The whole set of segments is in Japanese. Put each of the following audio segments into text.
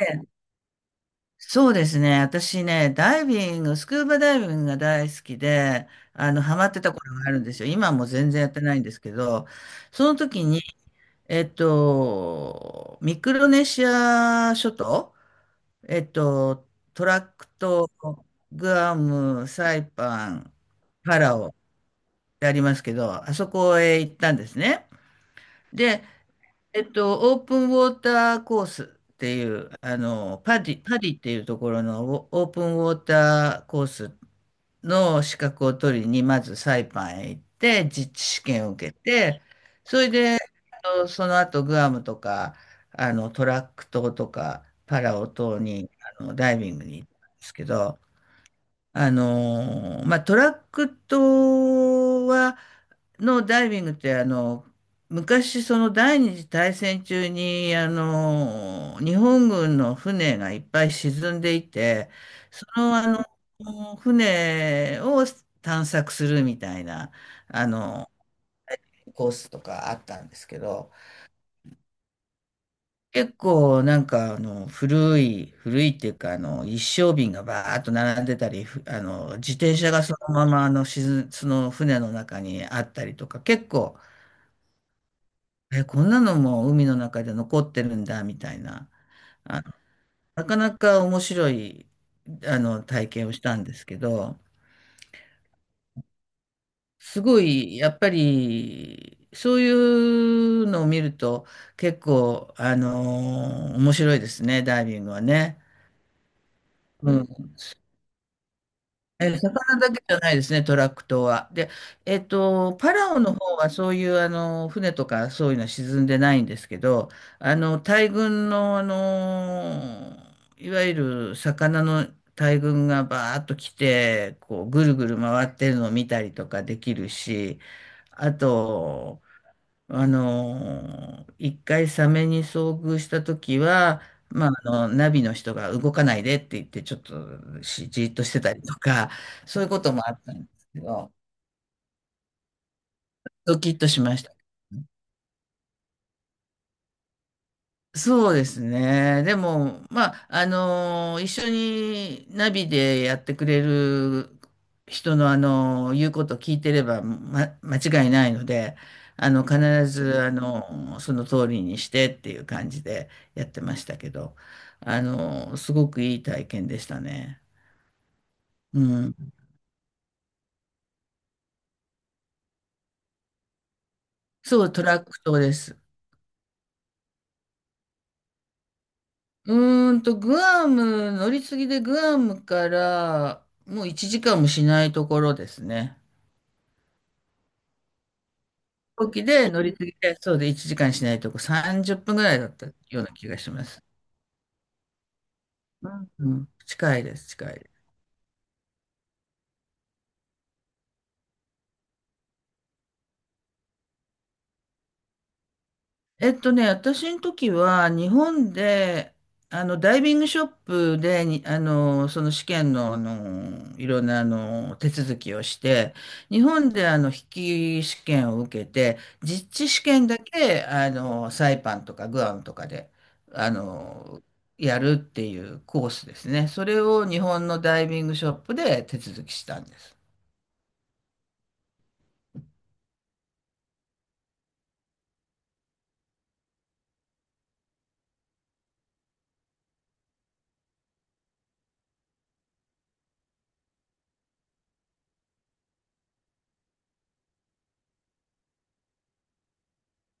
ええ、そうですね。私ね、ダイビング、スクーバダイビングが大好きで、ハマってた頃があるんですよ。今はもう全然やってないんですけど、その時に、ミクロネシア諸島、えっと、トラックト、グアム、サイパン、パラオってありますけど、あそこへ行ったんですね。で、オープンウォーターコースっていう、パディっていうところのオオープンウォーターコースの資格を取りに、まずサイパンへ行って、実地試験を受けて、それで、その後グアムとか、トラック島とか、パラオ島に、ダイビングに行ったんですけど、まあ、トラック島は、のダイビングって昔、その第二次大戦中に日本軍の船がいっぱい沈んでいて、その、あの船を探索するみたいなあのコースとかあったんですけど、結構なんか古い古いっていうか一升瓶がバーッと並んでたり、自転車がそのままその船の中にあったりとか結構。え、こんなのも海の中で残ってるんだ、みたいな。あの、なかなか面白い、体験をしたんですけど、すごい、やっぱり、そういうのを見ると、結構、面白いですね、ダイビングはね。うん。魚だけじゃないですね、トラック島は。で、パラオの方はそういう船とかそういうのは沈んでないんですけど、大群の、いわゆる魚の大群がバーッと来て、こうぐるぐる回ってるのを見たりとかできるし、あと、一回サメに遭遇した時は、まあ、ナビの人が動かないでって言って、ちょっとじーっとしてたりとか、そういうこともあったんですけど、ドキッとしました。そうですね。でも、まあ、一緒にナビでやってくれる人の、言うことを聞いてれば、間違いないので、必ず、その通りにしてっていう感じでやってましたけど、すごくいい体験でしたね。うん。そう、トラック島です。グアム、乗り継ぎでグアムから、もう1時間もしないところですね。飛行機で乗り継ぎで、そうで1時間しないとこ、30分ぐらいだったような気がします。うん、うん、近いです、近い。私の時は日本で、ダイビングショップでに、その試験の、いろんな、手続きをして、日本で、筆記試験を受けて、実地試験だけ、サイパンとかグアムとかで、あの、やるっていうコースですね。それを日本のダイビングショップで手続きしたんです。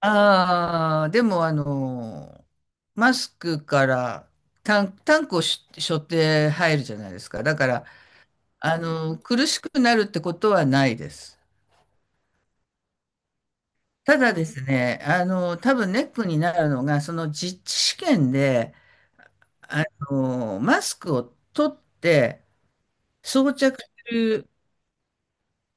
ああ、でもマスクからタンクを背負って入るじゃないですか。だから、苦しくなるってことはないです。ただですね、多分ネックになるのが、その実地試験で、あマスクを取って装着する、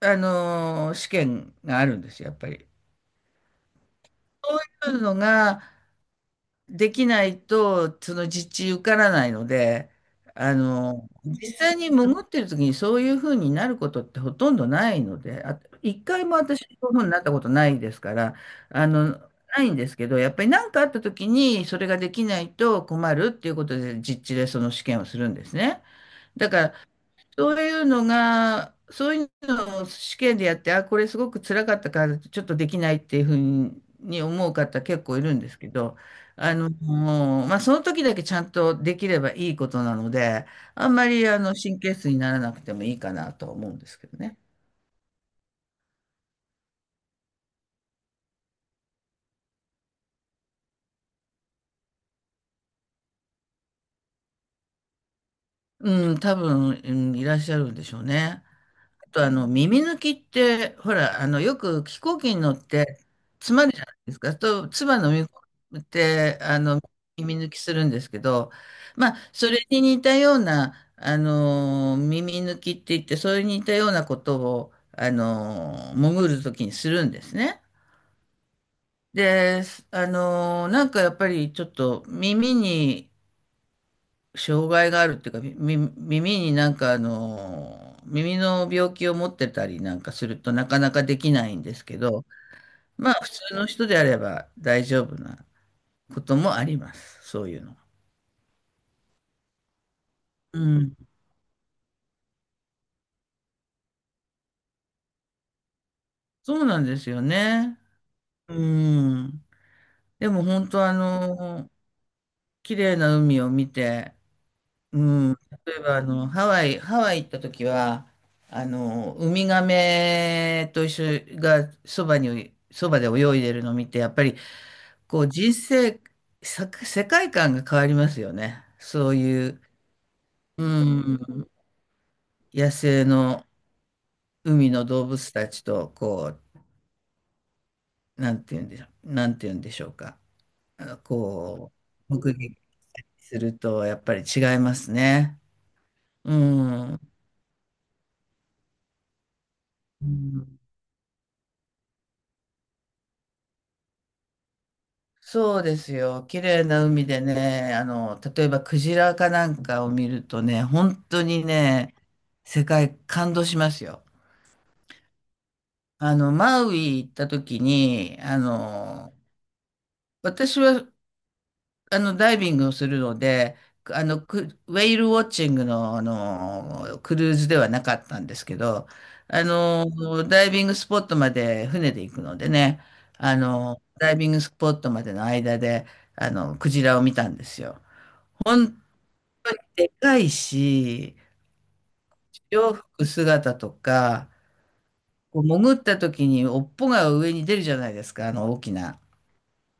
試験があるんですよ、やっぱり。そういうのが、できないと、その実地受からないので、実際に潜ってる時にそういうふうになることってほとんどないので、あ、一回も私、そういうふうになったことないですから、あの、ないんですけど、やっぱり何かあった時にそれができないと困るっていうことで、実地でその試験をするんですね。だから、そういうのが、そういうのを試験でやって、あ、これすごく辛かったから、ちょっとできないっていうふうに思う方結構いるんですけど、もうまあ、その時だけちゃんとできればいいことなので、あんまり神経質にならなくてもいいかなとは思うんですけどね。うん、多分、うん、いらっしゃるんでしょうね。と耳抜きって、ほら、よく飛行機に乗って詰まるじゃないですか、と唾飲み込んで耳抜きするんですけど、まあ、それに似たような耳抜きって言って、それに似たようなことを潜るときにするんですね。で、なんかやっぱりちょっと耳に障害があるっていうか、耳になんか耳の病気を持ってたりなんかするとなかなかできないんですけど、まあ普通の人であれば大丈夫なこともあります。そういうの。うん。そうなんですよね。うん。でも本当綺麗な海を見て、うん。例えばハワイ行った時は、ウミガメと一緒がそばに、そばで泳いでるのを見て、やっぱりこう人生、世界観が変わりますよね。そういう、うん、野生の海の動物たちと、こう、なんて言うんでしょう、なんて言うんでしょうか。こう、目撃すると、やっぱり違いますね。うん。うん、そうですよ。綺麗な海でね、例えばクジラかなんかを見るとね、本当にね、世界感動しますよ。マウイ行った時に、私は、ダイビングをするので、クウェイルウォッチングの、クルーズではなかったんですけど、ダイビングスポットまで船で行くのでね、ダイビングスポットまでの間で、クジラを見たんですよ。本当にでかいし、洋服姿とか、こう潜った時に尾っぽが上に出るじゃないですか、あの大きな。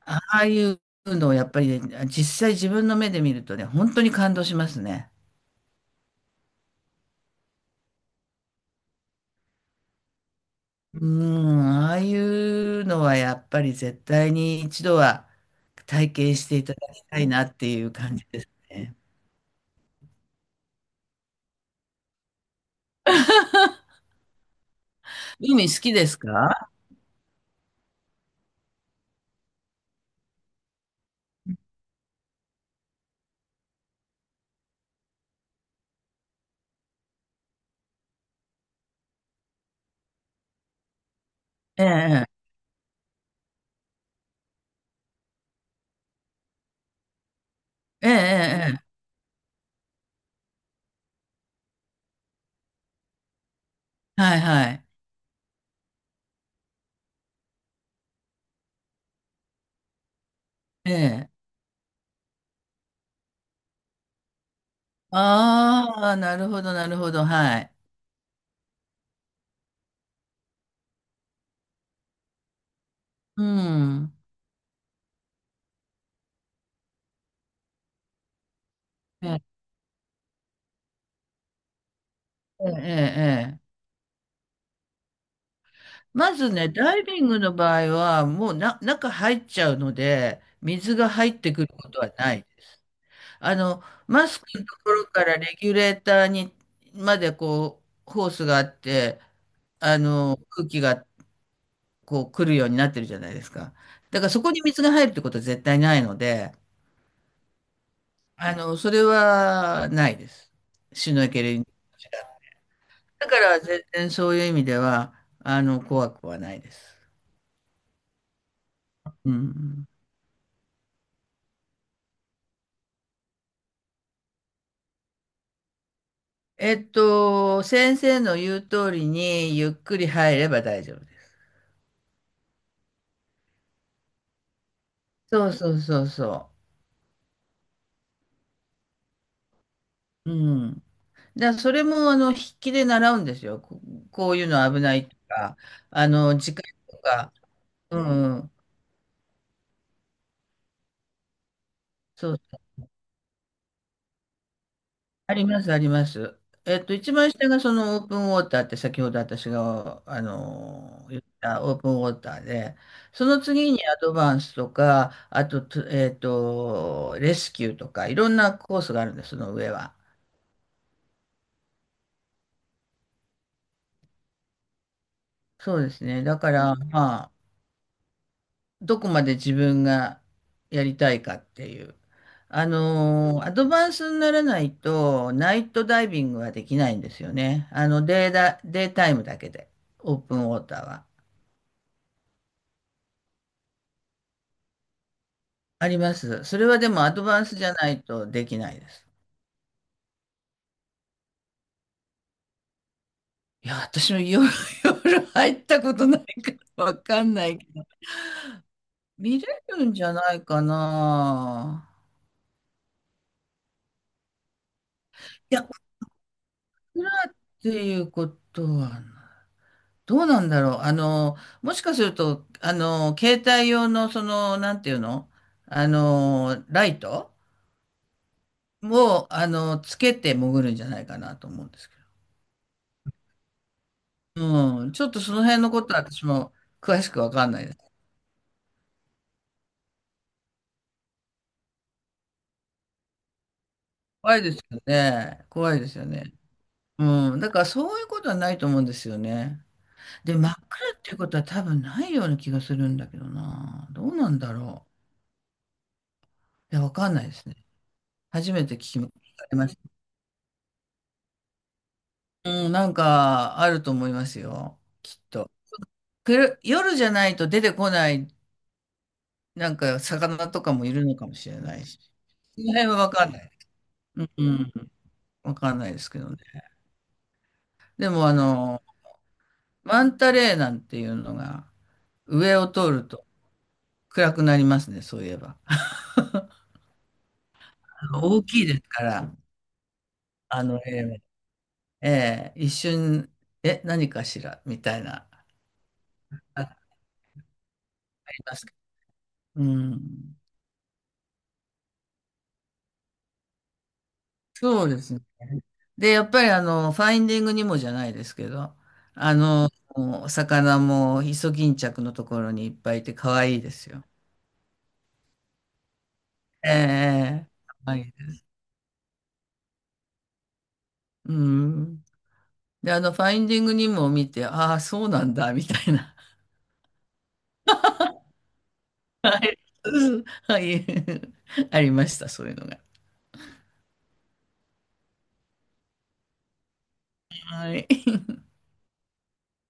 ああいうのをやっぱりね、実際自分の目で見るとね、本当に感動しますね。うん、ああいうのはやっぱり絶対に一度は体験していただきたいなっていう感じですね。海好きですか？ええ、ええ、ええ、ええ、はいはい。ええ。ああ、なるほど、なるほど、はい。うん。ええ、ええ、ええ。まずね、ダイビングの場合は、もう中入っちゃうので、水が入ってくることはないです。あの、マスクのところからレギュレーターに、までこう、ホースがあって、空気がこう来るようになってるじゃないですか。だからそこに水が入るってことは絶対ないので、それはないです。シュノーケリング。だから全然そういう意味では、怖くはないです。うん。先生の言う通りにゆっくり入れば大丈夫です。そうそうそうそう。うん。それも、筆記で習うんですよ。こういうの危ないとか、時間とか。うん、うん。そう。あります、あります。一番下がそのオープンウォーターって先ほど私が、言ったオープンウォーターで、その次にアドバンスとか、あと、レスキューとか、いろんなコースがあるんです、その上は。そうですね。だから、まあ、どこまで自分がやりたいかっていう。アドバンスにならないと、ナイトダイビングはできないんですよね。データイムだけで、オープンウォーターは。あります。それはでもアドバンスじゃないとできないです。いや、私も夜、夜入ったことないからわかんないけど、見れるんじゃないかな。いや、お風呂っていうことはない。どうなんだろう。もしかすると、携帯用の、その、なんていうの、ライトを、つけて潜るんじゃないかなと思うんですけど。うん。ちょっとその辺のことは私も詳しくわかんないです。怖いですよね。怖いですよね。うん。だからそういうことはないと思うんですよね。で、真っ暗っていうことは多分ないような気がするんだけどな。どうなんだろう。いや、わかんないですね。初めて聞きました。うん、なんかあると思いますよ。きっと。夜じゃないと出てこない、なんか魚とかもいるのかもしれないし。その辺はわかんない。うんうん、わかんないですけどね。でもマンタレーなんていうのが上を通ると暗くなりますね、そういえば。あの大きいですから、ええええ一瞬、え、何かしらみたいな、ありますけど。うん、そうですね。で、やっぱりファインディングにもじゃないですけど、あの、お魚もイソギンチャクのところにいっぱいいて可愛いですよ。ええ、可愛いです。うん。で、ファインディングにも見て、ああ、そうなんだ、みたいな。はい。ありました、そういうのが。はい。